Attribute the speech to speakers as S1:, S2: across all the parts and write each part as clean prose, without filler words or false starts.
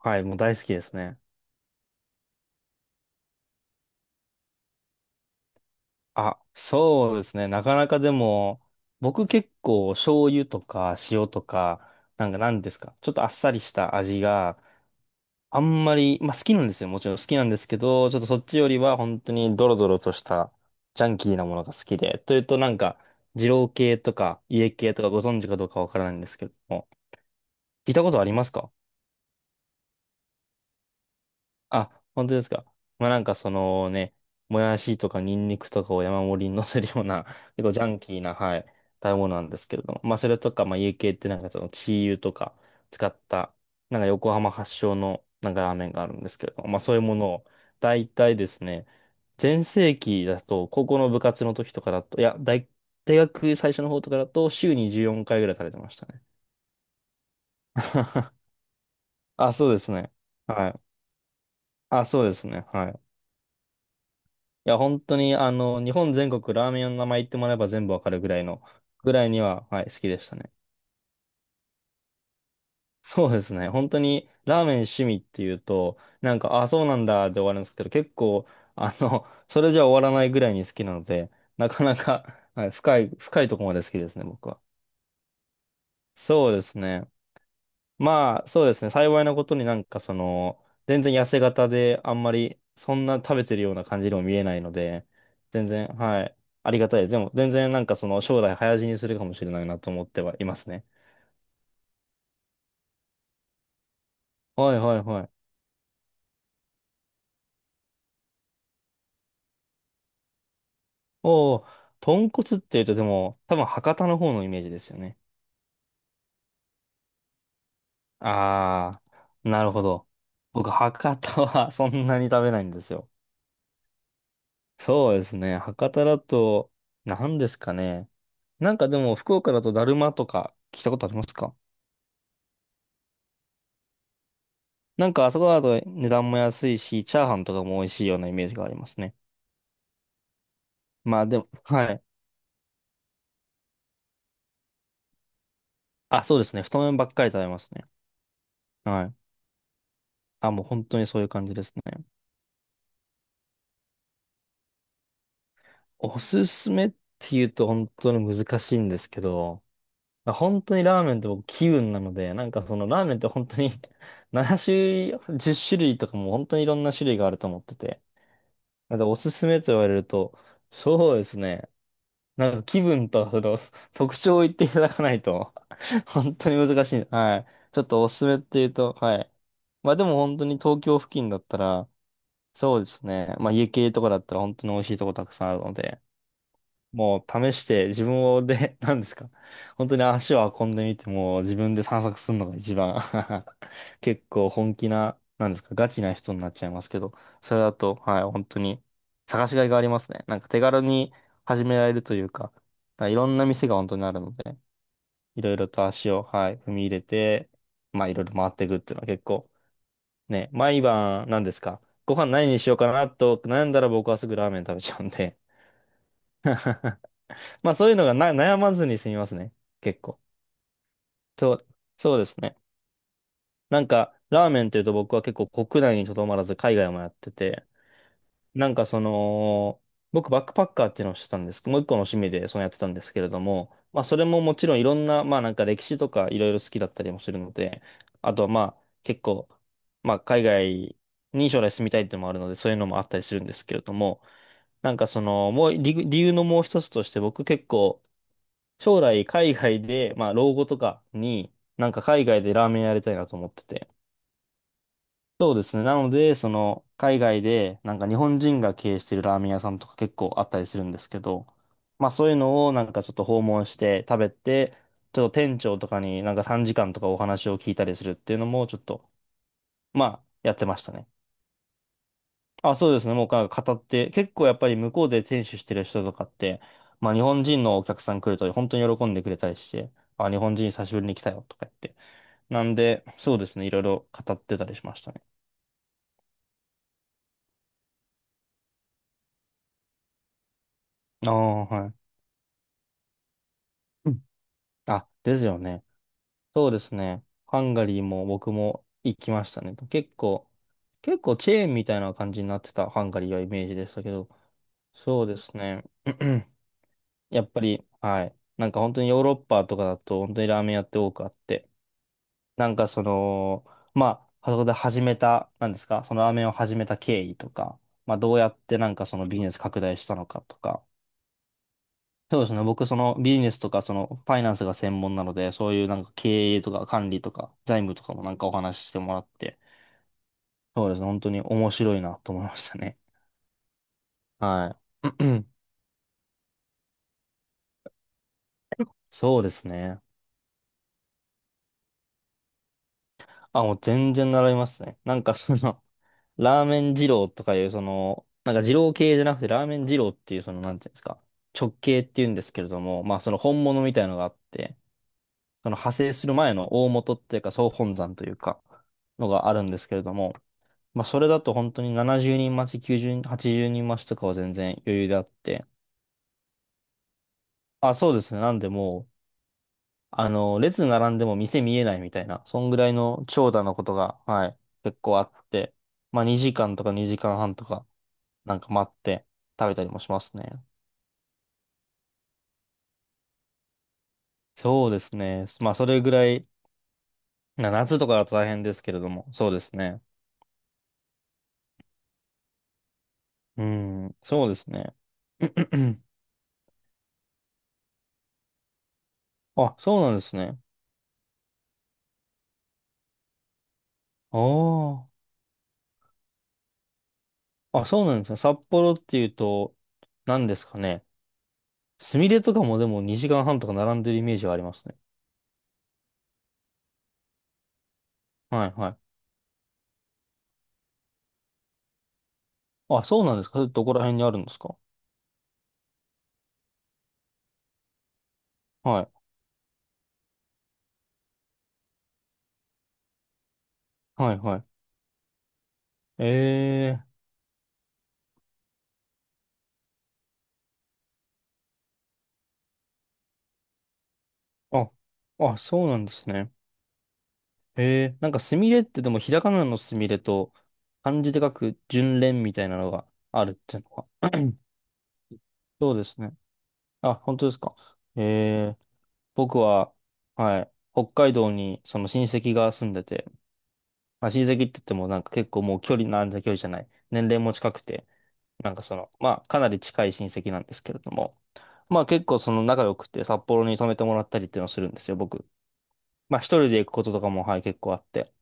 S1: はい、もう大好きですね。あ、そうですね。なかなかでも、僕結構醤油とか塩とか、なんか何ですか、ちょっとあっさりした味があんまり、まあ好きなんですよ。もちろん好きなんですけど、ちょっとそっちよりは本当にドロドロとしたジャンキーなものが好きで、というとなんか、二郎系とか家系とかご存知かどうかわからないんですけども、聞いたことありますか？あ、本当ですか。まあなんかそのね、もやしとかニンニクとかを山盛りに乗せるような、結構ジャンキーな、はい、食べ物なんですけれども。まあそれとか、まあ家系ってなんかそのチー油とか使った、なんか横浜発祥のなんかラーメンがあるんですけれども、まあそういうものを、大体ですね、全盛期だと、高校の部活の時とかだと、いや、大学最初の方とかだと、週に14回ぐらい食べてましたね。あ、そうですね。はい。あ、そうですね。はい。いや、本当に、あの、日本全国ラーメン屋の名前言ってもらえば全部わかるぐらいの、ぐらいには、はい、好きでしたね。そうですね。本当に、ラーメン趣味っていうと、なんか、あ、そうなんだで終わるんですけど、結構、あの、それじゃ終わらないぐらいに好きなので、なかなか、はい、深い、深いところまで好きですね、僕は。そうですね。まあ、そうですね。幸いなことになんかその、全然痩せ型で、あんまりそんな食べてるような感じにも見えないので、全然、はい。ありがたいです。でも、全然なんかその、将来早死にするかもしれないなと思ってはいますね。はいはいはい。おお、豚骨っていうとでも、多分博多の方のイメージですよね。ああ、なるほど。僕、博多は そんなに食べないんですよ。そうですね。博多だと、何ですかね。なんかでも、福岡だとだるまとか聞いたことありますか？なんかあそこだと値段も安いし、チャーハンとかも美味しいようなイメージがありますね。まあでも、はい。あ、そうですね。太麺ばっかり食べますね。はい。あ、もう本当にそういう感じですね。おすすめって言うと本当に難しいんですけど、まあ本当にラーメンって僕気分なので、なんかそのラーメンって本当に 7種類、10種類とかも本当にいろんな種類があると思ってて、なんかおすすめと言われると、そうですね。なんか気分とその 特徴を言っていただかないと 本当に難しい。はい。ちょっとおすすめっていうと、はい。まあでも本当に東京付近だったら、そうですね。まあ家系とかだったら本当に美味しいとこたくさんあるので、もう試して自分をで、何ですか。本当に足を運んでみて、もう自分で散策するのが一番 結構本気な、何ですか、ガチな人になっちゃいますけど、それだと、はい、本当に探しがいがありますね。なんか手軽に始められるというか、なんかいろんな店が本当にあるので、いろいろと足を、はい、踏み入れて、まあいろいろ回っていくっていうのは結構、ね、毎晩、何ですか、ご飯何にしようかなと悩んだら僕はすぐラーメン食べちゃうんでまあそういうのがな悩まずに済みますね。結構。そう、そうですね。なんか、ラーメンっていうと僕は結構国内にとどまらず海外もやってて、なんかその、僕バックパッカーっていうのをしてたんです。もう一個の趣味でそのやってたんですけれども、まあそれももちろんいろんな、まあなんか歴史とかいろいろ好きだったりもするので、あとはまあ結構、まあ海外に将来住みたいっていうのもあるので、そういうのもあったりするんですけれども、なんかその、もう理由のもう一つとして僕結構、将来海外で、まあ老後とかに、なんか海外でラーメンやりたいなと思ってて。そうですね。なので、その海外で、なんか日本人が経営してるラーメン屋さんとか結構あったりするんですけど、まあそういうのをなんかちょっと訪問して食べて、ちょっと店長とかになんか3時間とかお話を聞いたりするっていうのもちょっと、まあやってましたね。あ、そうですね。もうなんか語って、結構やっぱり向こうで店主してる人とかって、まあ日本人のお客さん来ると本当に喜んでくれたりして、あ、日本人久しぶりに来たよとか言って。なんで、そうですね。いろいろ語ってたりしましたね。ああ、はい。うん、あ、ですよね。そうですね。ハンガリーも僕も行きましたね。結構、結構チェーンみたいな感じになってたハンガリーはイメージでしたけど、そうですね。やっぱり、はい。なんか本当にヨーロッパとかだと本当にラーメン屋って多くあって、なんかその、まあ、そこで始めた、なんですか、そのラーメンを始めた経緯とか、まあ、どうやってなんかそのビジネス拡大したのかとか、そうですね、僕そのビジネスとかそのファイナンスが専門なので、そういうなんか経営とか管理とか財務とかもなんかお話ししてもらって、そうですね、本当に面白いなと思いましたね。はい。そうですね。あ、もう全然習いますね。なんかその、ラーメン二郎とかいう、その、なんか二郎系じゃなくてラーメン二郎っていう、その、なんていうんですか、直系っていうんですけれども、まあその本物みたいのがあって、その派生する前の大元っていうか総本山というか、のがあるんですけれども、まあそれだと本当に70人待ち、90人、80人待ちとかは全然余裕であって、あ、そうですね。なんでもうあの、列並んでも店見えないみたいな、そんぐらいの長蛇のことが、はい、結構あって、まあ2時間とか2時間半とか、なんか待って食べたりもしますね。そうですね。まあそれぐらい、な夏とかだと大変ですけれども、そうですね。うん、そうですね。あ、そうなんですね。ああ。あ、そうなんですね。札幌っていうと、何ですかね。すみれとかもでも2時間半とか並んでるイメージはありますね。はいはい。あ、そうなんですか。それどこら辺にあるんですか？はい、はい、はい。えー、あ、あ、そうなんですね。えー、なんかすみれってでもひらがなのすみれと漢字で書く順連みたいなのがあるっていうのは。そうですね。あ、本当ですか。ええ僕は、はい、北海道にその親戚が住んでて、まあ、親戚って言ってもなんか結構もう距離じゃない。年齢も近くて、なんかその、まあかなり近い親戚なんですけれども、まあ結構その仲良くて札幌に泊めてもらったりっていうのをするんですよ、僕。まあ一人で行くこととかも、はい、結構あって。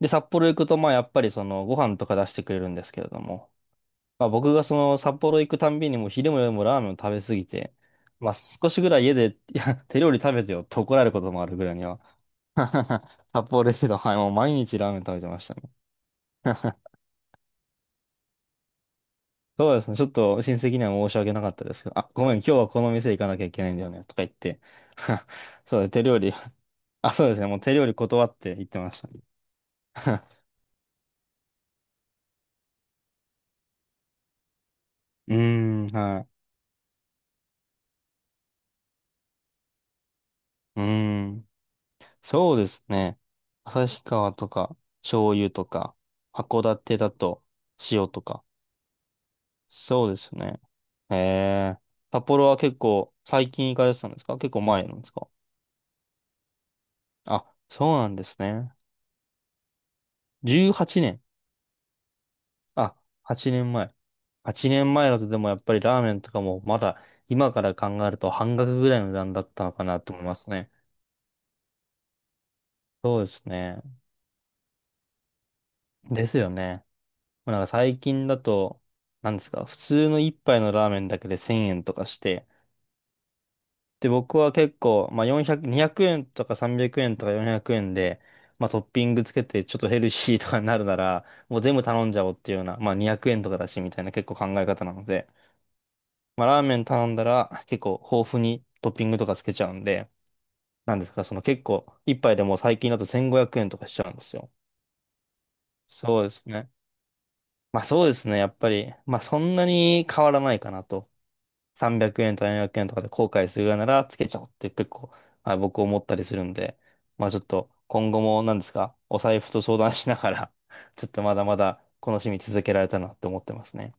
S1: で、札幌行くと、まあやっぱりそのご飯とか出してくれるんですけれども、まあ僕がその札幌行くたんびにもう昼も夜もラーメンを食べ過ぎて、まあ少しぐらい家で、いや、手料理食べてよって怒られることもあるぐらいには。札幌ですけど、はい、もう毎日ラーメン食べてましたね。そうですね。ちょっと親戚には申し訳なかったですけど、あ、ごめん、今日はこの店行かなきゃいけないんだよね、とか言って。そうです、手料理。あ、そうですね。もう手料理断って言ってましたね。うーん、はい。うーん。そうですね。旭川とか、醤油とか、函館だと、塩とか。そうですね。へえ。札幌は結構、最近行かれてたんですか、結構前なんですか？あ、そうなんですね。18年。あ、8年前。8年前だとでもやっぱりラーメンとかもまだ今から考えると半額ぐらいの値段だったのかなと思いますね。そうですね。ですよね。まあなんか最近だと、なんですか、普通の一杯のラーメンだけで1000円とかして、で、僕は結構、まあ400、200円とか300円とか400円で、まあトッピングつけてちょっとヘルシーとかになるなら、もう全部頼んじゃおうっていうような、まあ200円とかだしみたいな結構考え方なので、まあラーメン頼んだら結構豊富にトッピングとかつけちゃうんで、なんですか、その結構一杯でもう最近だと1500円とかしちゃうんですよ。そうですね。まあそうですね、やっぱり、まあそんなに変わらないかなと。300円とか400円とかで後悔するようならつけちゃおうって結構、はい、僕思ったりするんで、まあちょっと今後も何ですか、お財布と相談しながら ちょっとまだまだこの趣味続けられたなって思ってますね。